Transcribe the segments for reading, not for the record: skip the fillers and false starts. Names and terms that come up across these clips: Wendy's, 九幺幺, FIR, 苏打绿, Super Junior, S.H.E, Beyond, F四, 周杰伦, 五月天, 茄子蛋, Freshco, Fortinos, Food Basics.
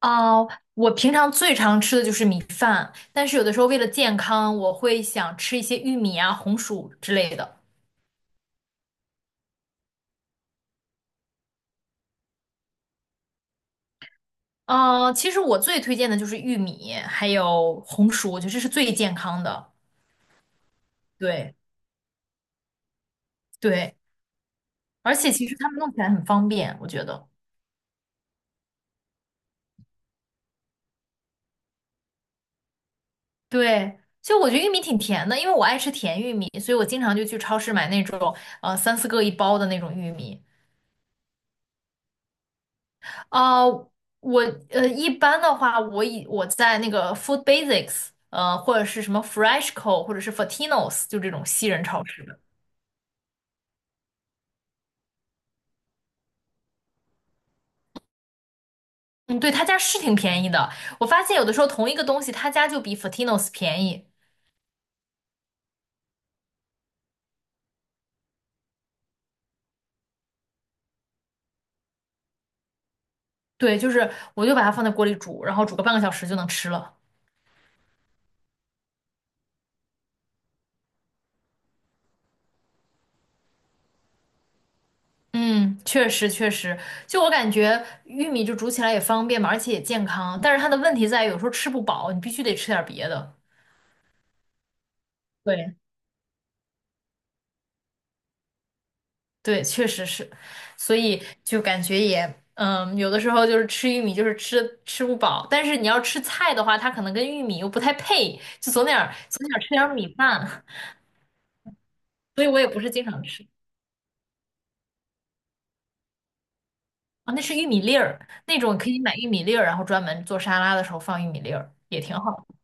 哦，我平常最常吃的就是米饭，但是有的时候为了健康，我会想吃一些玉米啊、红薯之类的。嗯、其实我最推荐的就是玉米，还有红薯，我觉得这是最健康的。对对，而且其实他们弄起来很方便，我觉得。对，就我觉得玉米挺甜的，因为我爱吃甜玉米，所以我经常就去超市买那种三四个一包的那种玉米。啊，呃我呃，一般的话，我在那个 Food Basics,或者是什么 Freshco，或者是 Fortinos，就这种西人超市的。嗯，对，他家是挺便宜的。我发现有的时候同一个东西，他家就比 Fortinos 便宜。对，就是我就把它放在锅里煮，然后煮个半个小时就能吃了。嗯，确实确实，就我感觉玉米就煮起来也方便嘛，而且也健康。但是它的问题在于有时候吃不饱，你必须得吃点别的。对。对，确实是，所以就感觉也，有的时候就是吃玉米就是吃不饱，但是你要吃菜的话，它可能跟玉米又不太配，就总点儿总点吃点儿米饭，所以我也不是经常吃。那是玉米粒儿，那种可以买玉米粒儿，然后专门做沙拉的时候放玉米粒儿，也挺好的。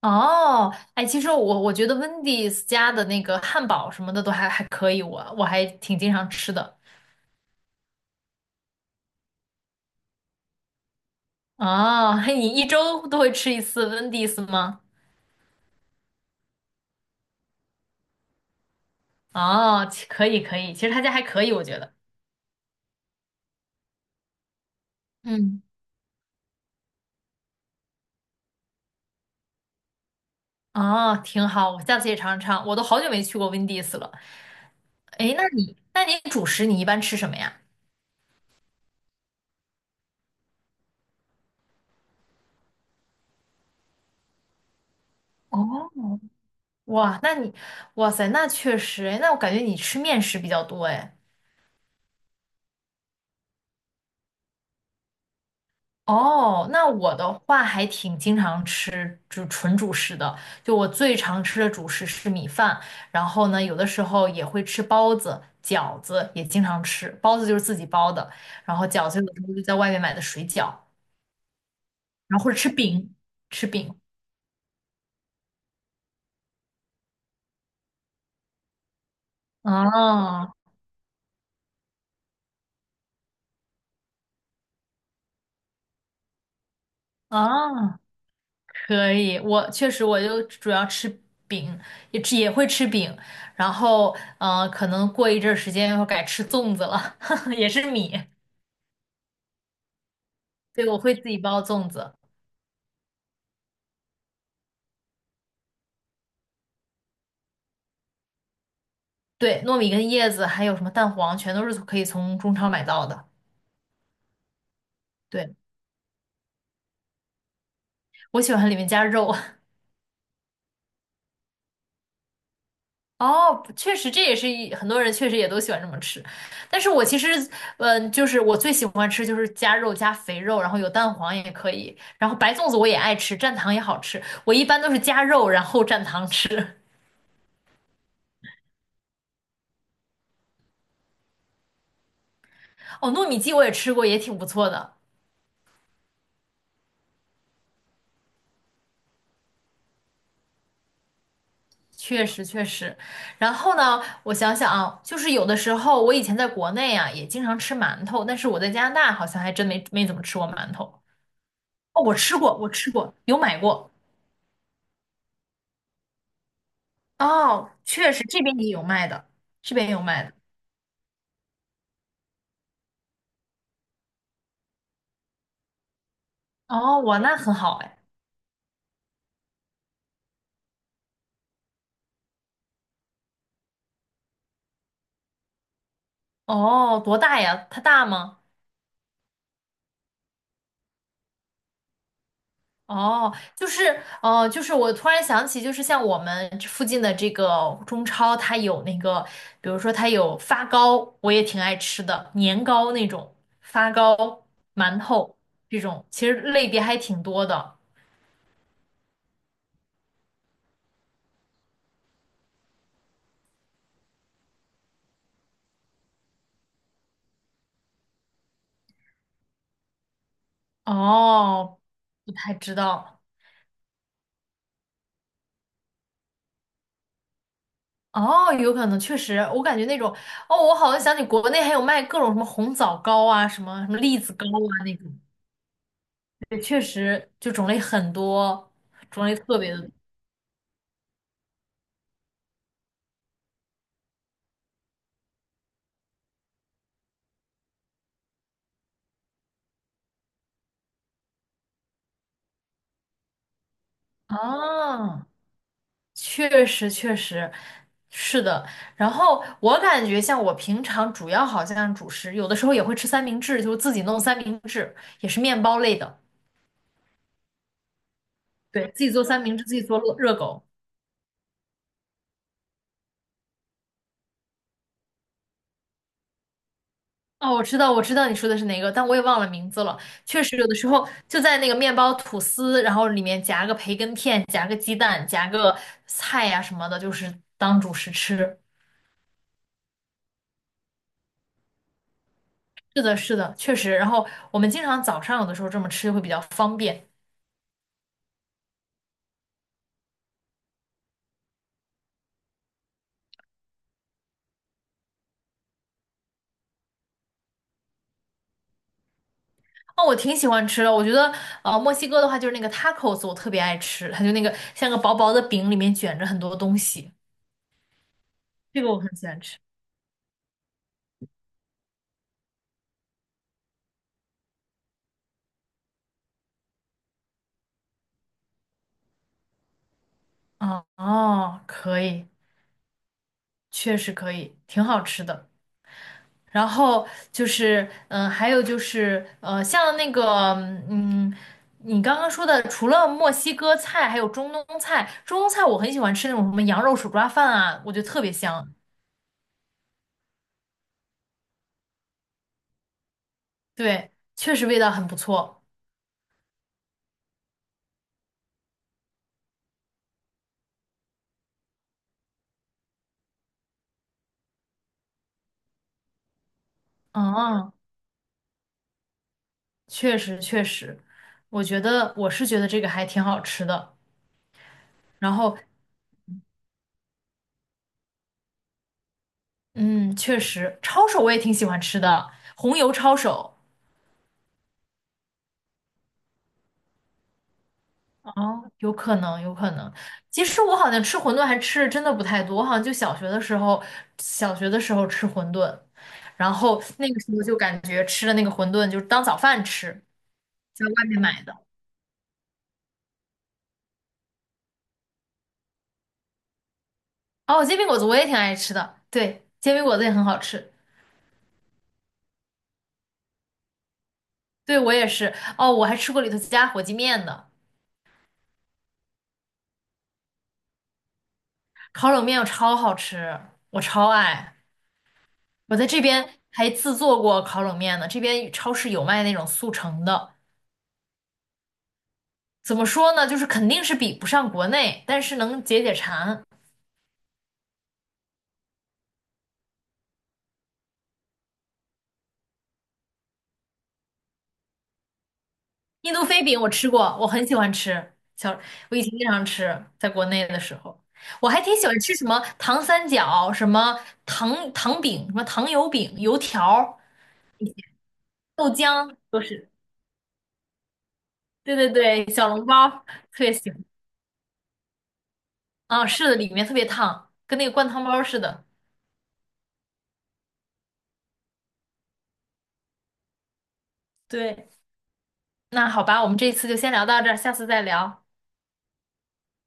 哦，哎，其实我觉得 Wendy's 家的那个汉堡什么的都还可以，我还挺经常吃的。哦，嘿，你一周都会吃一次 Wendy's 吗？哦，可以可以，其实他家还可以，我觉得。嗯，哦，挺好，我下次也尝尝。我都好久没去过 Wendy's 了。哎，那你主食你一般吃什么呀？哦，哇，那你，哇塞，那确实，哎，那我感觉你吃面食比较多，哎。哦，那我的话还挺经常吃就纯主食的，就我最常吃的主食是米饭，然后呢，有的时候也会吃包子、饺子，也经常吃。包子就是自己包的，然后饺子有的时候就在外面买的水饺。然后或者吃饼，吃饼。哦哦，可以。我确实我就主要吃饼，也会吃饼。然后可能过一阵儿时间要改吃粽子了，也是米。对，我会自己包粽子。对，糯米跟叶子还有什么蛋黄，全都是可以从中超买到的。对，我喜欢里面加肉。哦，确实，这也是很多人确实也都喜欢这么吃，但是我其实，就是我最喜欢吃就是加肉加肥肉，然后有蛋黄也可以，然后白粽子我也爱吃，蘸糖也好吃，我一般都是加肉然后蘸糖吃。哦，糯米鸡我也吃过，也挺不错的，确实确实。然后呢，我想想啊，就是有的时候我以前在国内啊也经常吃馒头，但是我在加拿大好像还真没怎么吃过馒头。哦，我吃过，我吃过，有买过。哦，确实这边也有卖的，这边也有卖的。哦，哇，那很好哎。哦，多大呀？它大吗？就是我突然想起，就是像我们这附近的这个中超，它有那个，比如说它有发糕，我也挺爱吃的，年糕那种，发糕、馒头这种，其实类别还挺多的。哦，不太知道。哦，有可能，确实，我感觉那种，哦，我好像想起国内还有卖各种什么红枣糕啊，什么什么栗子糕啊那种，对，确实就种类很多，种类特别的多。啊，确实确实是的。然后我感觉像我平常主要好像主食，有的时候也会吃三明治，就是自己弄三明治，也是面包类的。对，自己做三明治，自己做热狗。哦，我知道，我知道你说的是哪个，但我也忘了名字了。确实，有的时候就在那个面包吐司，然后里面夹个培根片，夹个鸡蛋，夹个菜呀、什么的，就是当主食吃。是的，是的，确实。然后我们经常早上有的时候这么吃会比较方便。哦，我挺喜欢吃的。我觉得，呃，墨西哥的话就是那个 tacos，我特别爱吃，它就那个像个薄薄的饼，里面卷着很多东西，这个我很喜欢吃。哦哦，可以，确实可以，挺好吃的。然后就是，嗯、还有就是，呃，像那个，嗯，你刚刚说的，除了墨西哥菜，还有中东菜。中东菜我很喜欢吃那种什么羊肉手抓饭啊，我觉得特别香。对，确实味道很不错。嗯，确实确实，我觉得觉得这个还挺好吃的。然后，嗯，确实，抄手我也挺喜欢吃的，红油抄手。哦，有可能，有可能。其实我好像吃馄饨还吃的真的不太多，我好像就小学的时候，小学的时候吃馄饨，然后那个时候就感觉吃的那个馄饨就是当早饭吃，在外面买的。哦，煎饼果子我也挺爱吃的，对，煎饼果子也很好吃。对，我也是。哦，我还吃过里头加火鸡面的。烤冷面我超好吃，我超爱。我在这边还自做过烤冷面呢，这边超市有卖那种速成的。怎么说呢，就是肯定是比不上国内，但是能解解馋。印度飞饼我吃过，我很喜欢吃，我以前经常吃，在国内的时候，我还挺喜欢吃什么糖三角、什么糖糖饼、什么糖油饼、油条、豆浆都是。对对对，小笼包特别喜欢。啊，是的，里面特别烫，跟那个灌汤包似的。对，那好吧，我们这一次就先聊到这儿，下次再聊，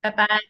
拜拜。